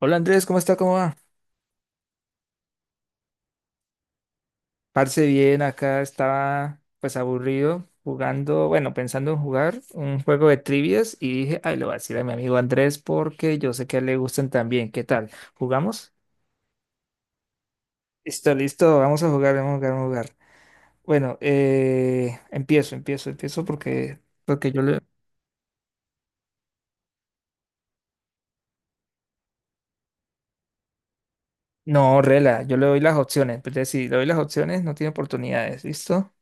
Hola Andrés, ¿cómo está? ¿Cómo va? Parce bien, acá estaba pues aburrido jugando, bueno, pensando en jugar un juego de trivias y dije, ay, lo voy a decir a mi amigo Andrés porque yo sé que a él le gustan también. ¿Qué tal? ¿Jugamos? Listo, listo, vamos a jugar, vamos a jugar, vamos a jugar. Bueno, empiezo porque, porque yo le... No, rela, yo le doy las opciones. Entonces, si le doy las opciones, no tiene oportunidades, ¿listo?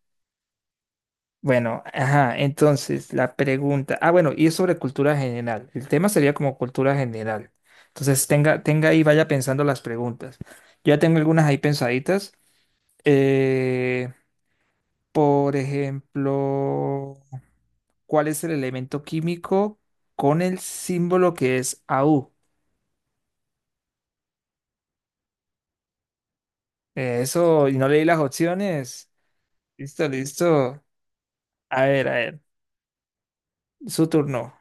Bueno, ajá, entonces la pregunta, ah, bueno, y es sobre cultura general. El tema sería como cultura general. Entonces tenga ahí, vaya pensando las preguntas. Yo ya tengo algunas ahí pensaditas. Eh, por ejemplo, ¿cuál es el elemento químico con el símbolo que es AU? Eso, y no leí las opciones. Listo, listo. A ver, su turno.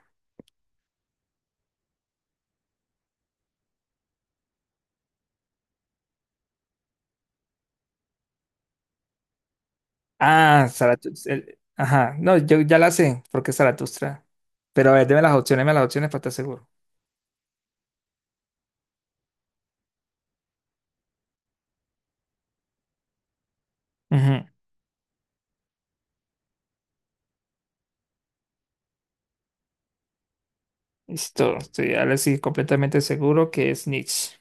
Ah, Zaratustra. Ajá, no, yo ya la sé, porque es Zaratustra. Pero a ver, deme las opciones para estar seguro. Ujú. Listo, estoy ahora sí completamente seguro que es Nietzsche.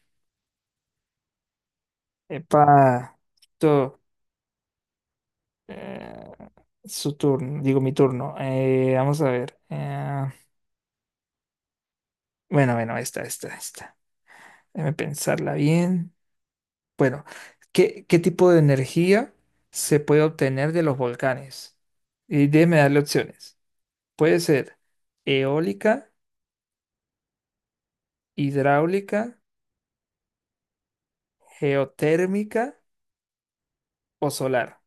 Epa, esto, eh, su turno, digo mi turno. Vamos a ver. Bueno, bueno, esta, esta, esta. Déjame pensarla bien. Bueno, ¿qué tipo de energía se puede obtener de los volcanes? Y déjeme darle opciones. Puede ser eólica, hidráulica, geotérmica o solar.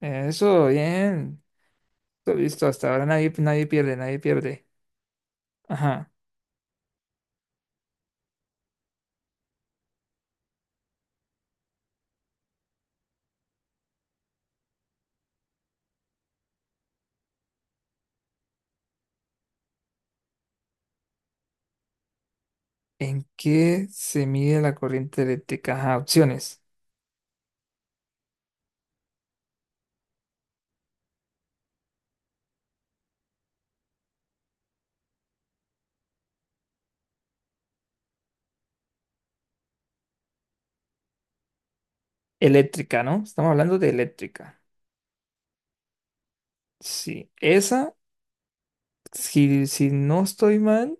Eso, bien. Listo, listo, hasta ahora nadie pierde, nadie pierde. Ajá. ¿En qué se mide la corriente eléctrica? Ajá, opciones. Eléctrica, ¿no? Estamos hablando de eléctrica. Sí, esa, si no estoy mal,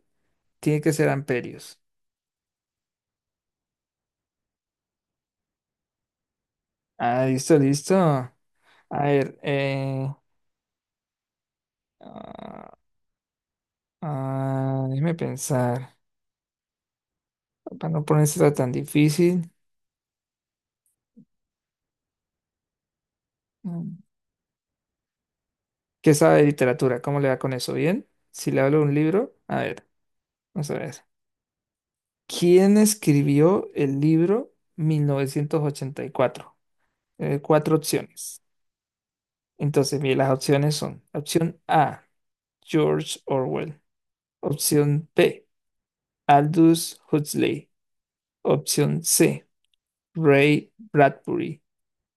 tiene que ser amperios. Ah, listo, listo. A ver, ah, ah, déjeme pensar. Para no ponerse tan difícil. Mm. ¿Qué sabe de literatura? ¿Cómo le va con eso? ¿Bien? Si le hablo de un libro, a ver, vamos a ver. ¿Quién escribió el libro 1984? Cuatro opciones. Entonces, mire, las opciones son: opción A, George Orwell. Opción B, Aldous Huxley. Opción C, Ray Bradbury.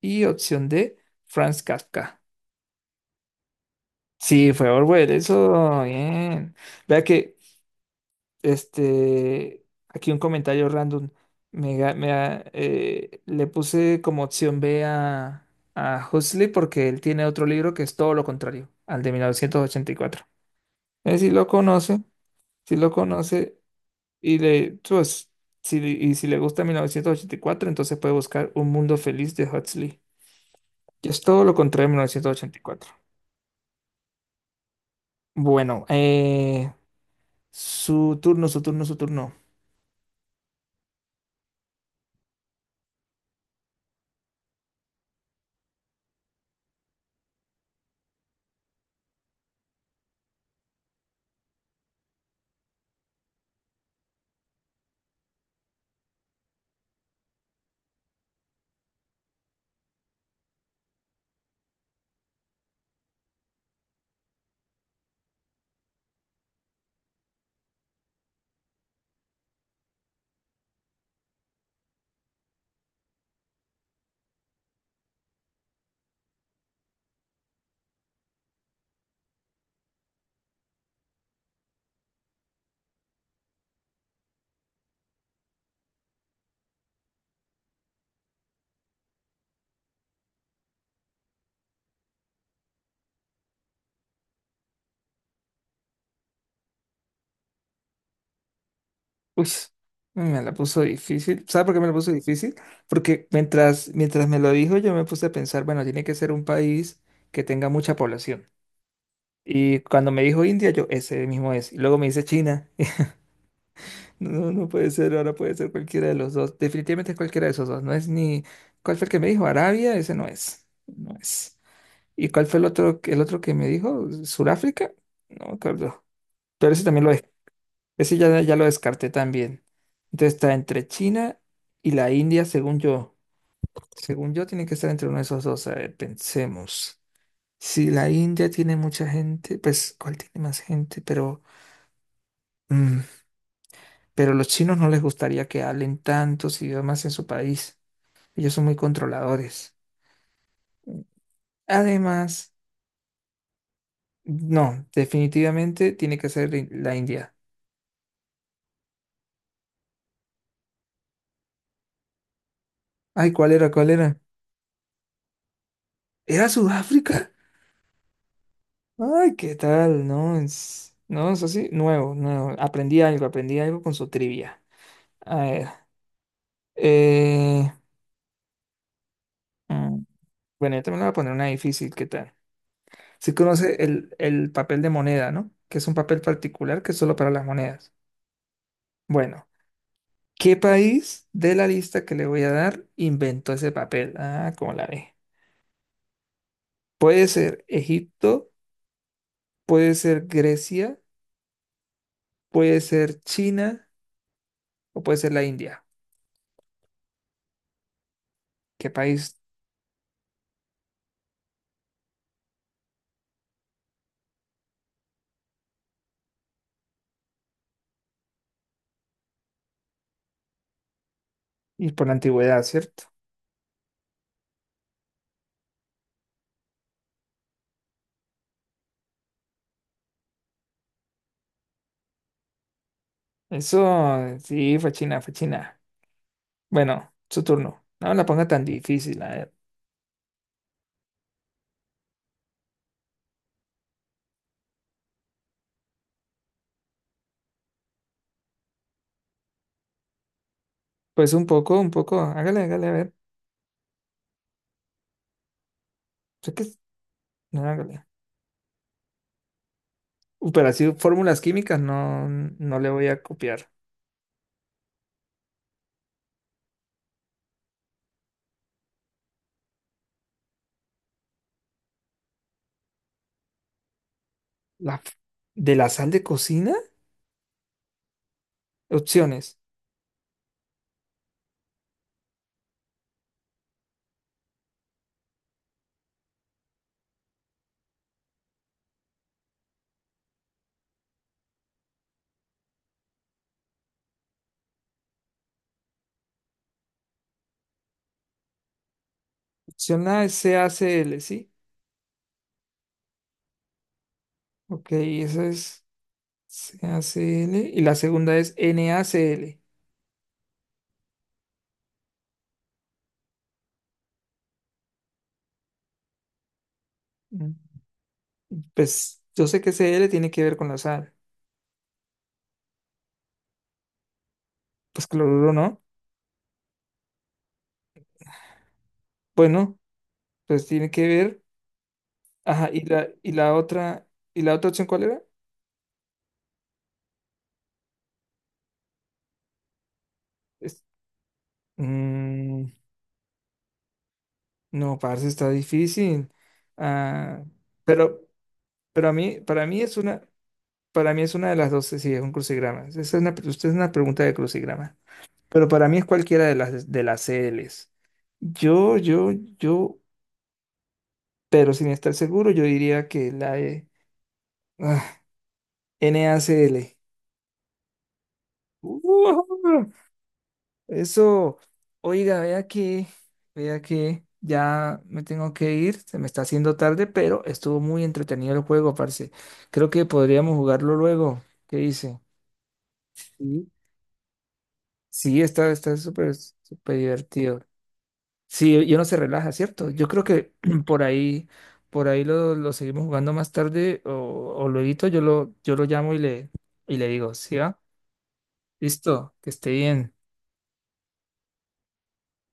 Y opción D, Franz Kafka. Sí, fue Orwell, eso, bien. Vea que este, aquí un comentario random. Me, ga- me ha- le puse como opción B a Huxley porque él tiene otro libro que es todo lo contrario, al de 1984. Si lo conoce, si lo conoce y le, pues, si, y si le gusta 1984, entonces puede buscar Un Mundo Feliz de Huxley, que es todo lo contrario a mil novecientos ochenta y cuatro. Bueno, su turno, su turno, su turno. Uy, me la puso difícil. ¿Sabes por qué me la puso difícil? Porque mientras me lo dijo, yo me puse a pensar, bueno, tiene que ser un país que tenga mucha población. Y cuando me dijo India, yo ese mismo es. Y luego me dice China. No, no puede ser, ahora puede ser cualquiera de los dos. Definitivamente es cualquiera de esos dos. No es ni. ¿Cuál fue el que me dijo? Arabia, ese no es. No es. ¿Y cuál fue el otro que me dijo? ¿Suráfrica? No me acuerdo. Pero ese también lo es. Ese ya, ya lo descarté también. Entonces está entre China y la India, según yo. Según yo, tiene que estar entre uno de esos dos. A ver, pensemos. Si la India tiene mucha gente, pues, ¿cuál tiene más gente? Pero, mm, pero los chinos no les gustaría que hablen tantos idiomas en su país. Ellos son muy controladores. Además, no, definitivamente tiene que ser la India. Ay, ¿cuál era? ¿Cuál era? ¿Era Sudáfrica? Ay, ¿qué tal? No, es, no, es así, nuevo, nuevo. Aprendí algo con su trivia. A ver, eh, mm, bueno, yo también le voy a poner una difícil, ¿qué tal? ¿Sí conoce el papel de moneda, ¿no? Que es un papel particular que es solo para las monedas. Bueno, ¿qué país de la lista que le voy a dar inventó ese papel? Ah, ¿cómo la ve? Puede ser Egipto, puede ser Grecia, puede ser China o puede ser la India. ¿Qué país? Y por la antigüedad, ¿cierto? Eso, sí, fachina, fachina. Bueno, su turno. No la ponga tan difícil, a ver. Pues un poco, un poco. Hágale, hágale, a ver. Sé que es- No, hágale. Pero así fórmulas químicas no, no le voy a copiar. La, f- ¿De la sal de cocina? Opciones. Opción A es C A C l, ¿sí? Ok, esa es c a C l. Y la segunda es n a NaCl. Mm, pues yo sé que c l tiene que ver con la sal. Pues cloruro, ¿no? Bueno, pues tiene que ver. Ajá, ¿y la otra opción cuál era? Es- mm, no, parce, está difícil. Ah, pero, pero a mí, para mí es una de las dos, sí, es un crucigrama. Esa es una, usted es una pregunta de crucigrama. Pero para mí es cualquiera de las c CLs. Yo, yo, yo, pero sin estar seguro, yo diría que la de, ah, NACL. Eso, oiga, vea que ya me tengo que ir, se me está haciendo tarde, pero estuvo muy entretenido el juego, parce. Creo que podríamos jugarlo luego. ¿Qué dice? Sí. Sí, está, está súper, súper divertido. Sí, y uno se relaja, ¿cierto? Yo creo que por ahí, lo seguimos jugando más tarde o, yo lo llamo y le digo, ¿sí va? Listo, que esté bien.